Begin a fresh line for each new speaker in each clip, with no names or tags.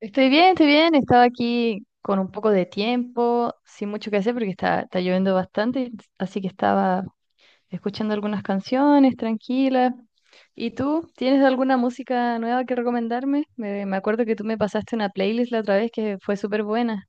Estoy bien, estoy bien. Estaba aquí con un poco de tiempo, sin mucho que hacer porque está lloviendo bastante, así que estaba escuchando algunas canciones tranquilas. ¿Y tú? ¿Tienes alguna música nueva que recomendarme? Me acuerdo que tú me pasaste una playlist la otra vez que fue súper buena.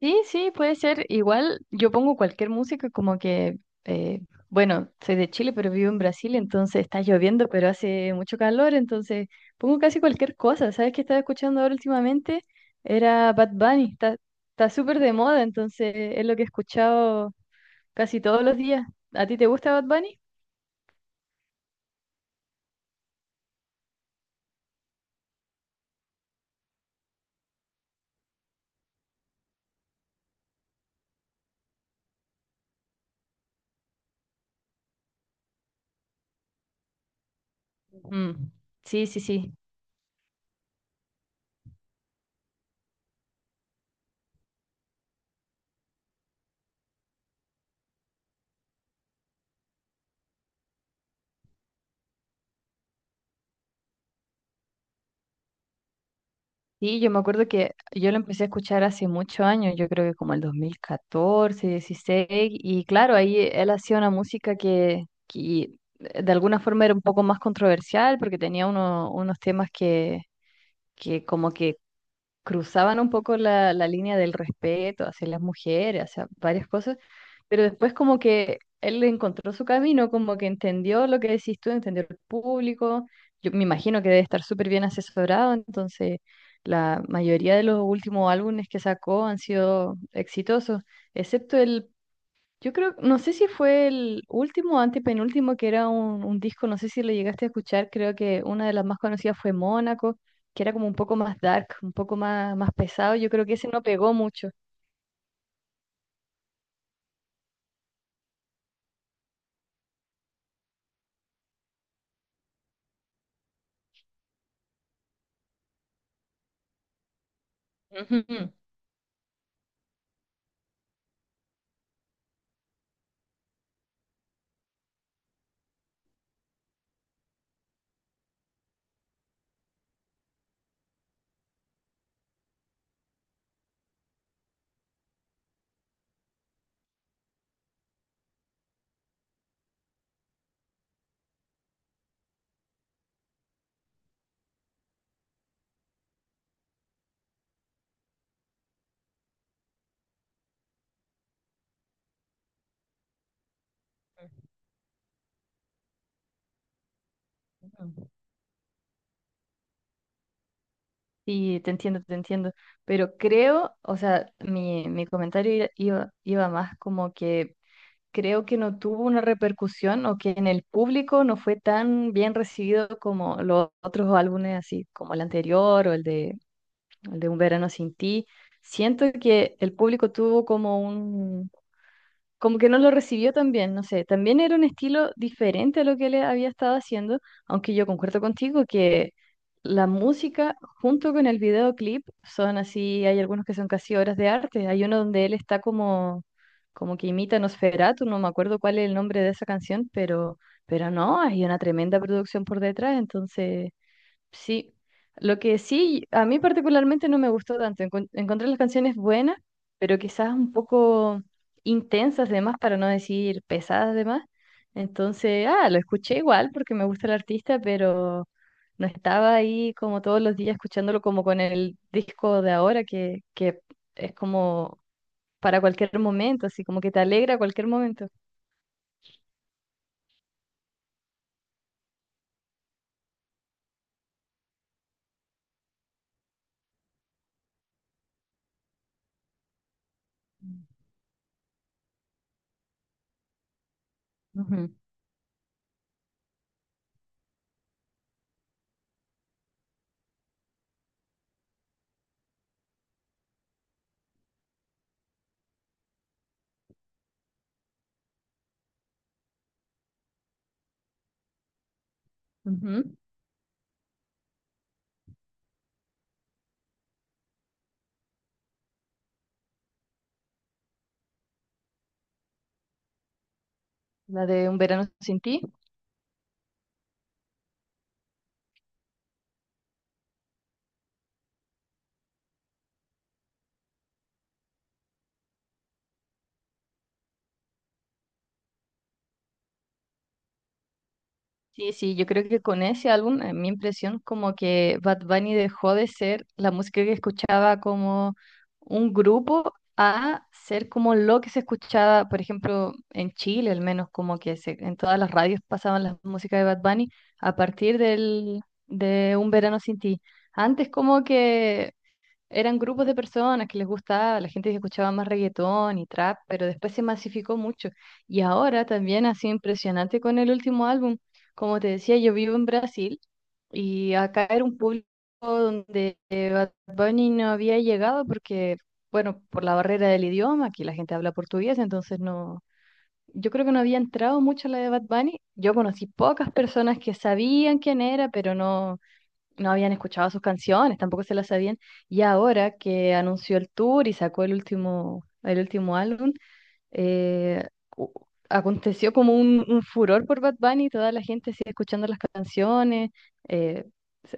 Sí, sí, puede ser. Igual yo pongo cualquier música como que, eh, bueno, soy de Chile, pero vivo en Brasil, entonces está lloviendo, pero hace mucho calor, entonces pongo casi cualquier cosa. ¿Sabes qué estaba escuchando ahora últimamente? Era Bad Bunny, está súper de moda, entonces es lo que he escuchado casi todos los días. ¿A ti te gusta Bad Bunny? Mm. Sí, sí, sí. Sí, yo me acuerdo que yo lo empecé a escuchar hace muchos años, yo creo que como el 2014, 16 y claro, ahí él hacía una música que de alguna forma era un poco más controversial porque tenía unos temas que como que cruzaban un poco la línea del respeto hacia las mujeres, hacia varias cosas, pero después como que él encontró su camino, como que entendió lo que decís tú, entendió el público, yo me imagino que debe estar súper bien asesorado, entonces la mayoría de los últimos álbumes que sacó han sido exitosos, excepto el, yo creo, no sé si fue el último o antepenúltimo que era un disco, no sé si lo llegaste a escuchar, creo que una de las más conocidas fue Mónaco, que era como un poco más dark, un poco más, más pesado, yo creo que ese no pegó mucho. Ujú, ujú. Sí, te entiendo, pero creo, o sea, mi comentario iba más como que creo que no tuvo una repercusión o que en el público no fue tan bien recibido como los otros álbumes así, como el anterior o el de Un Verano Sin Ti. Siento que el público tuvo como un, como que no lo recibió tan bien, no sé, también era un estilo diferente a lo que le había estado haciendo, aunque yo concuerdo contigo que la música junto con el videoclip son así, hay algunos que son casi obras de arte, hay uno donde él está como, como que imita a Nosferatu, no me acuerdo cuál es el nombre de esa canción, pero no, hay una tremenda producción por detrás, entonces... Sí, lo que sí, a mí particularmente no me gustó tanto. Encontré las canciones buenas, pero quizás un poco intensas de más, para no decir pesadas de más. Entonces, ah, lo escuché igual porque me gusta el artista, pero no estaba ahí como todos los días escuchándolo como con el disco de ahora, que es como para cualquier momento, así como que te alegra cualquier momento. Ujú, ujú. La de Un Verano Sin Ti. Sí, sí, yo creo que con ese álbum, en mi impresión, como que Bad Bunny dejó de ser la música que escuchaba como un grupo a ser como lo que se escuchaba, por ejemplo, en Chile, al menos como que se, en todas las radios pasaban las músicas de Bad Bunny a partir del, de Un Verano Sin Ti. Antes como que eran grupos de personas que les gustaba, la gente que escuchaba más reggaetón y trap, pero después se masificó mucho. Y ahora también ha sido impresionante con el último álbum. Como te decía, yo vivo en Brasil y acá era un público donde Bad Bunny no había llegado porque, bueno, por la barrera del idioma, aquí la gente habla portugués, entonces no, yo creo que no había entrado mucho la de Bad Bunny. Yo conocí pocas personas que sabían quién era, pero no no habían escuchado sus canciones, tampoco se las sabían. Y ahora que anunció el tour y sacó el último álbum, eh, u- aconteció como un furor por Bad Bunny, toda la gente sigue escuchando las canciones. eh,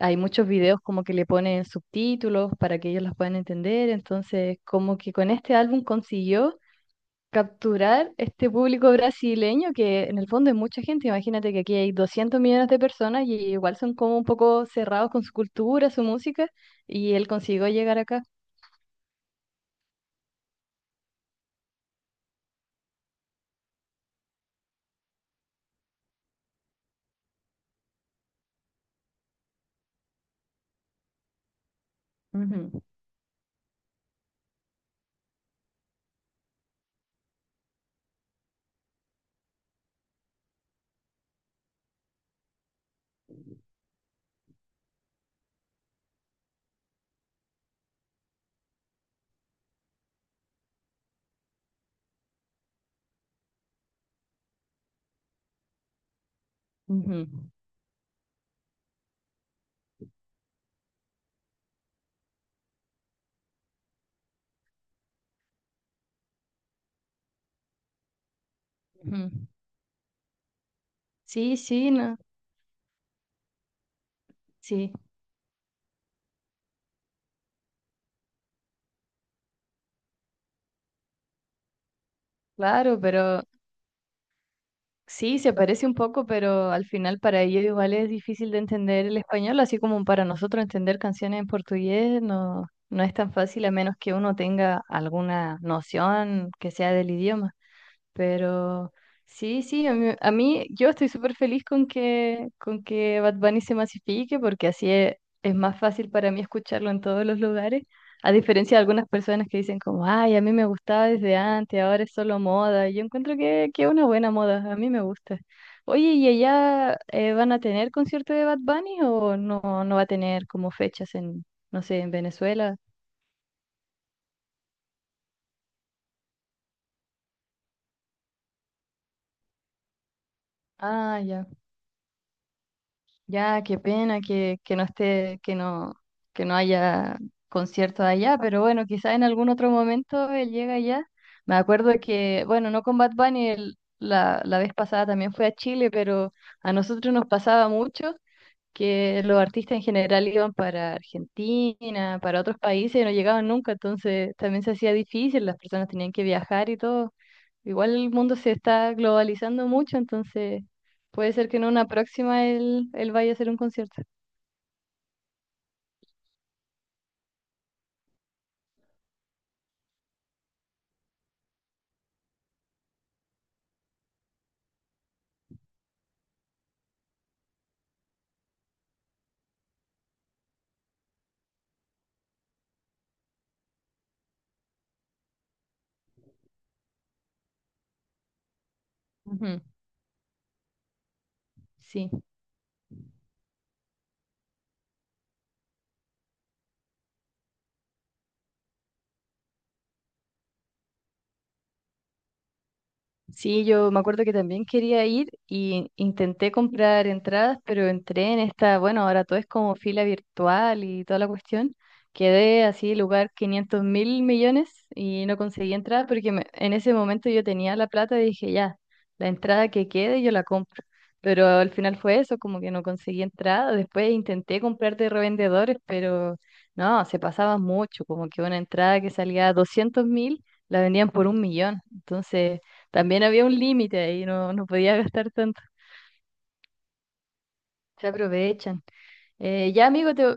Hay muchos videos como que le ponen subtítulos para que ellos las puedan entender. Entonces, como que con este álbum consiguió capturar este público brasileño, que en el fondo es mucha gente. Imagínate que aquí hay 200 millones de personas y igual son como un poco cerrados con su cultura, su música, y él consiguió llegar acá. Ujú, ujú, ujú. Sí, sí, no, sí, claro, pero sí, se parece un poco, pero al final para ellos igual es difícil de entender el español, así como para nosotros entender canciones en portugués no, no es tan fácil a menos que uno tenga alguna noción que sea del idioma. Pero sí, sí, yo estoy súper feliz con que Bad Bunny se masifique porque así es más fácil para mí escucharlo en todos los lugares, a diferencia de algunas personas que dicen como, ay, a mí me gustaba desde antes, ahora es solo moda. Y yo encuentro que es una buena moda, a mí me gusta. Oye, ¿y allá van a tener concierto de Bad Bunny o no, va a tener como fechas en, no sé, en Venezuela? Ah, ya. Ya, qué pena que no esté, que no haya concierto allá, pero bueno, quizás en algún otro momento él llega allá. Me acuerdo que, bueno, no con Bad Bunny, la vez pasada también fue a Chile, pero a nosotros nos pasaba mucho que los artistas en general iban para Argentina, para otros países y no llegaban nunca, entonces también se hacía difícil, las personas tenían que viajar y todo. Igual el mundo se está globalizando mucho, entonces puede ser que en una próxima él vaya a hacer un concierto. Ujú. Sí. Sí, yo me acuerdo que también quería ir y intenté comprar entradas, pero entré en esta, bueno, ahora todo es como fila virtual y toda la cuestión. Quedé así, lugar 500.000 millones y no conseguí entrada porque en ese momento yo tenía la plata y dije, ya, la entrada que quede yo la compro. Pero al final fue eso, como que no conseguí entrada. Después intenté comprar de revendedores, pero no, se pasaba mucho, como que una entrada que salía 200.000 la vendían por un millón. Entonces... También había un límite ahí, no, no podía gastar tanto. Se aprovechan. Ya, amigo,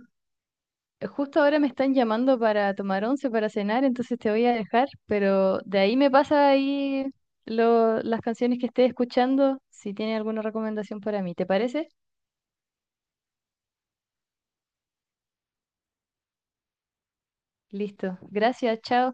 justo ahora me están llamando para tomar once, para cenar, entonces te voy a dejar, pero de ahí me pasa ahí las canciones que estés escuchando, si tiene alguna recomendación para mí. ¿Te parece? Listo. Gracias, chao.